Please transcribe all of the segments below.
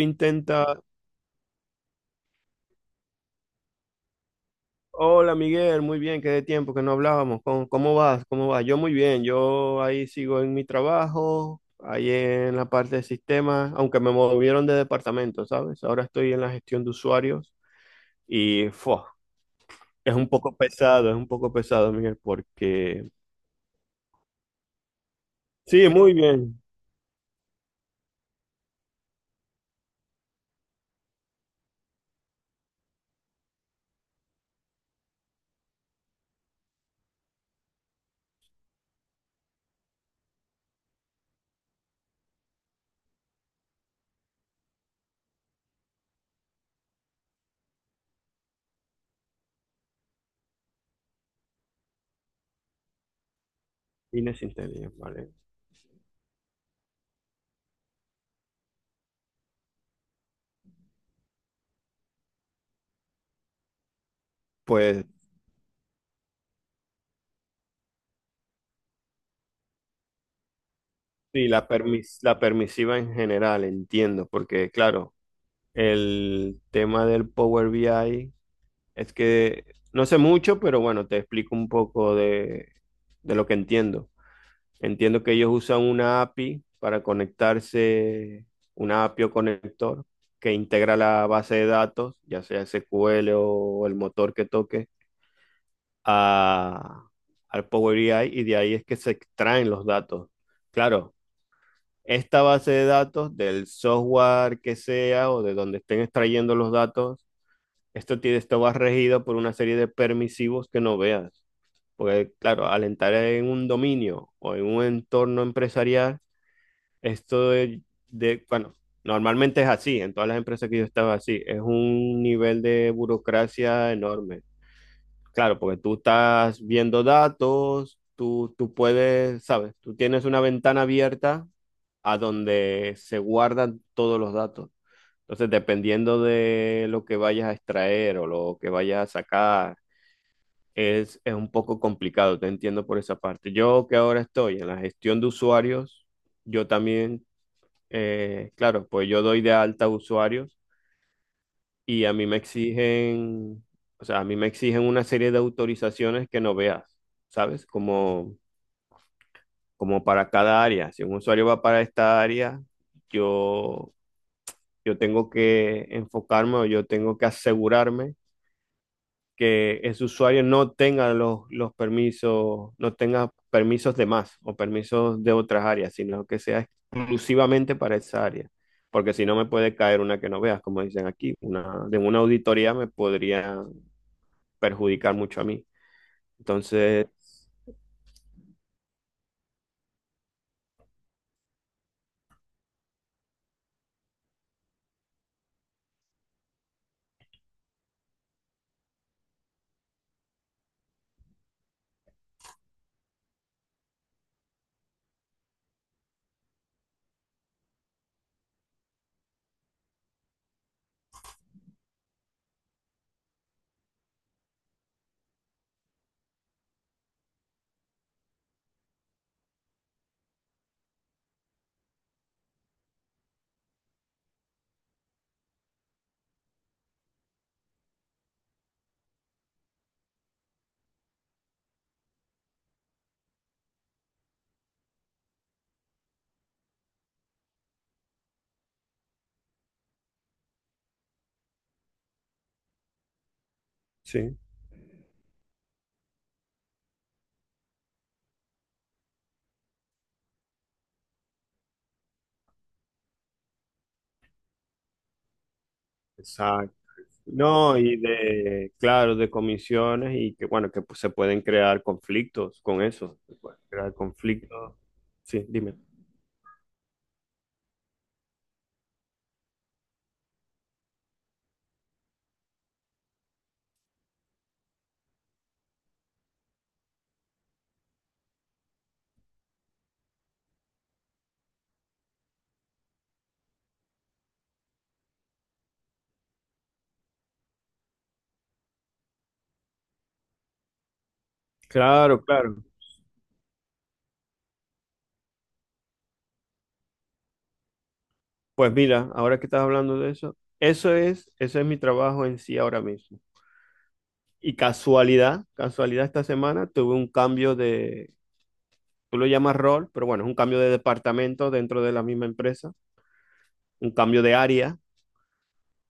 intenta, Hola Miguel, muy bien, qué de tiempo que no hablábamos, ¿cómo vas? ¿Cómo vas? Yo muy bien, yo ahí sigo en mi trabajo, ahí en la parte de sistemas, aunque me movieron de departamento, ¿sabes? Ahora estoy en la gestión de usuarios y ¡fua! Es un poco pesado, Miguel, porque sí, muy bien. Inés Intelligence, ¿vale? Pues sí, la permisiva en general, entiendo, porque claro, el tema del Power BI. Es que no sé mucho, pero bueno, te explico un poco de lo que entiendo. Entiendo que ellos usan una API para conectarse, una API o conector que integra la base de datos, ya sea SQL o el motor que toque, a, al Power BI, y de ahí es que se extraen los datos. Claro, esta base de datos del software que sea o de donde estén extrayendo los datos, esto tiene, esto va regido por una serie de permisivos que no veas. Porque, claro, alentar en un dominio o en un entorno empresarial, esto de, bueno, normalmente es así, en todas las empresas que yo estaba así, es un nivel de burocracia enorme. Claro, porque tú estás viendo datos, tú puedes, ¿sabes? Tú tienes una ventana abierta a donde se guardan todos los datos. Entonces, dependiendo de lo que vayas a extraer o lo que vayas a sacar, es un poco complicado, te entiendo por esa parte. Yo que ahora estoy en la gestión de usuarios, yo también, claro, pues yo doy de alta usuarios y a mí me exigen, o sea, a mí me exigen una serie de autorizaciones que no veas, ¿sabes? Como, como para cada área. Si un usuario va para esta área, yo, yo tengo que enfocarme o yo tengo que asegurarme que ese usuario no tenga los permisos, no tenga permisos de más o permisos de otras áreas, sino que sea exclusivamente para esa área. Porque si no me puede caer una que no veas, como dicen aquí, una, de una auditoría me podría perjudicar mucho a mí. Entonces, sí, exacto. No, y de, claro, de comisiones y que, bueno, que pues, se pueden crear conflictos con eso. Se pueden crear conflictos. Sí, dime. Claro, claro. Pues mira, ahora que estás hablando de eso, eso es mi trabajo en sí ahora mismo. Y casualidad, casualidad esta semana tuve un cambio de, tú lo llamas rol, pero bueno, es un cambio de departamento dentro de la misma empresa, un cambio de área.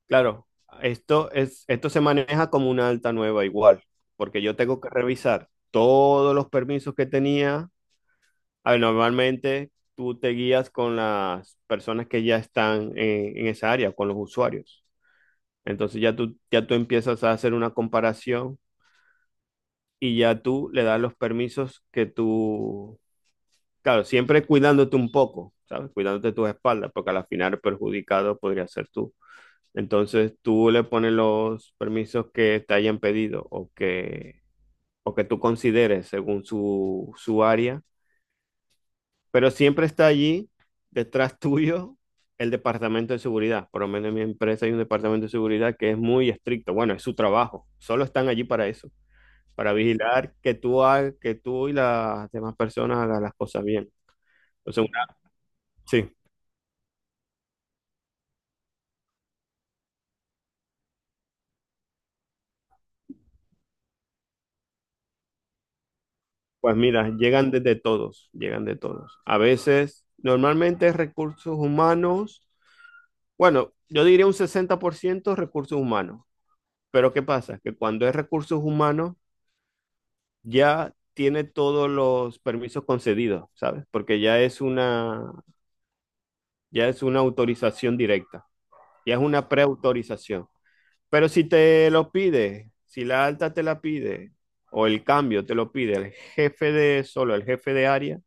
Claro, esto se maneja como una alta nueva igual, porque yo tengo que revisar todos los permisos que tenía. A ver, normalmente tú te guías con las personas que ya están en esa área, con los usuarios. Entonces ya tú empiezas a hacer una comparación y ya tú le das los permisos que tú, claro, siempre cuidándote un poco, ¿sabes? Cuidándote tus espaldas, porque al final el perjudicado podría ser tú. Entonces tú le pones los permisos que te hayan pedido o que tú consideres según su, su área, pero siempre está allí detrás tuyo el departamento de seguridad. Por lo menos en mi empresa hay un departamento de seguridad que es muy estricto. Bueno, es su trabajo. Solo están allí para eso, para vigilar que tú, que tú y las demás personas hagan las cosas bien. Entonces, una... Sí, pues mira, llegan desde todos, llegan de todos. A veces, normalmente recursos humanos, bueno, yo diría un 60% recursos humanos, pero ¿qué pasa? Que cuando es recursos humanos, ya tiene todos los permisos concedidos, ¿sabes? Porque ya es una autorización directa, ya es una preautorización. Pero si te lo pide, si la alta te la pide, o el cambio te lo pide el jefe de solo, el jefe de área,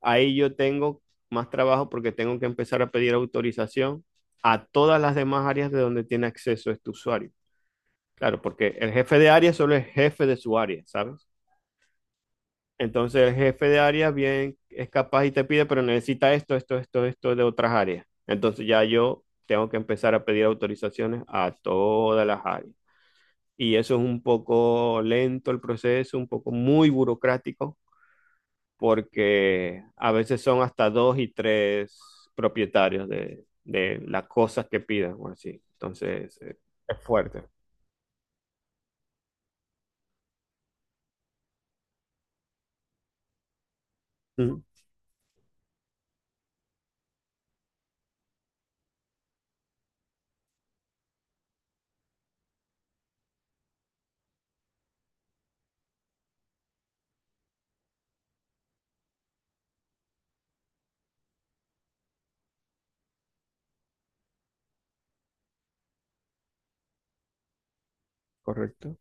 ahí yo tengo más trabajo porque tengo que empezar a pedir autorización a todas las demás áreas de donde tiene acceso este usuario. Claro, porque el jefe de área solo es jefe de su área, ¿sabes? Entonces el jefe de área bien es capaz y te pide, pero necesita esto, esto, esto, esto de otras áreas. Entonces ya yo tengo que empezar a pedir autorizaciones a todas las áreas. Y eso es un poco lento el proceso, un poco muy burocrático, porque a veces son hasta dos y tres propietarios de las cosas que pidan, o así. Entonces, es fuerte. Ujú, correcto.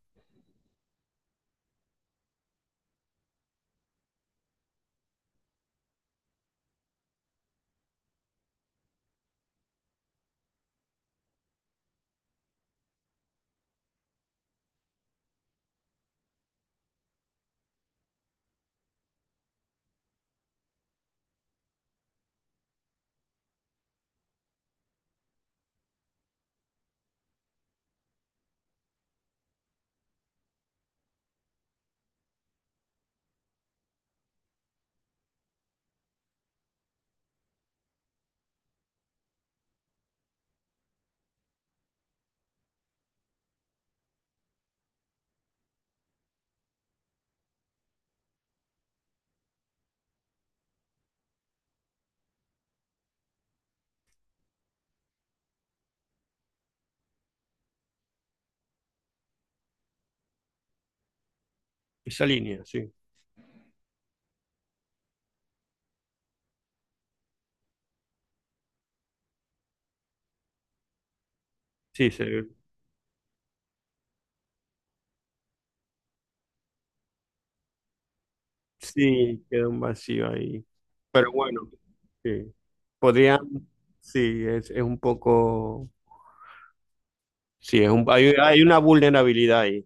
Esa línea, sí. Sí, sí, queda un vacío ahí. Pero bueno, sí. Podrían, sí, es un poco, sí, es un, hay una vulnerabilidad ahí.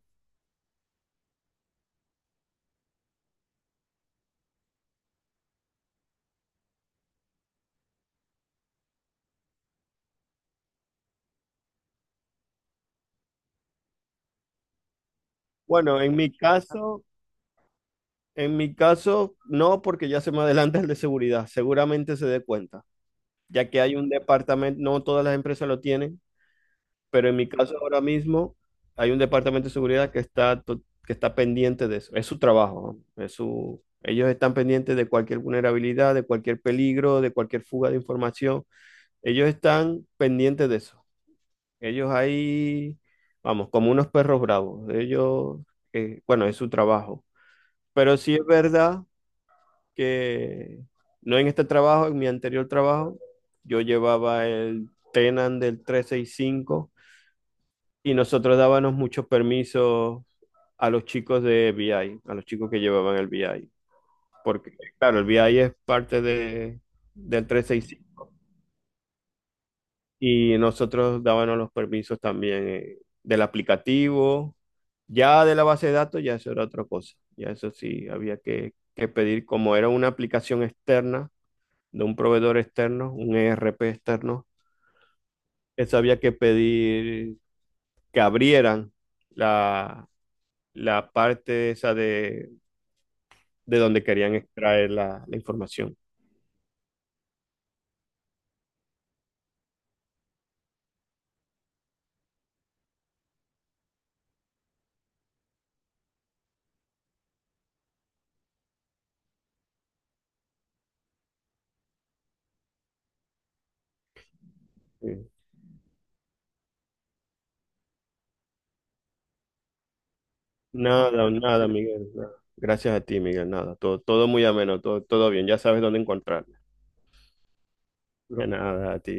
Bueno, en mi caso... En mi caso, no, porque ya se me adelanta el de seguridad. Seguramente se dé cuenta, ya que hay un departamento, no todas las empresas lo tienen, pero en mi caso ahora mismo hay un departamento de seguridad que está, que está pendiente de eso. Es su trabajo, ¿no? Es su, ellos están pendientes de cualquier vulnerabilidad, de cualquier peligro, de cualquier fuga de información. Ellos están pendientes de eso. Ellos ahí, vamos, como unos perros bravos. Ellos, bueno, es su trabajo. Pero sí es verdad que no en este trabajo, en mi anterior trabajo, yo llevaba el Tenan del 365 y cinco y nosotros dábamos muchos permisos a los chicos de BI, a los chicos que llevaban el BI. Porque, claro, el BI es parte de, del 365 y cinco y nosotros dábamos los permisos también del aplicativo. Ya de la base de datos, ya eso era otra cosa. Ya eso sí, había que pedir, como era una aplicación externa, de un proveedor externo, un ERP externo, eso había que pedir que abrieran la, la parte esa de donde querían extraer la, la información. Sí. Nada, nada, Miguel. Nada. Gracias a ti, Miguel. Nada, todo, todo muy ameno, todo, todo bien. Ya sabes dónde encontrarme. De nada, a ti.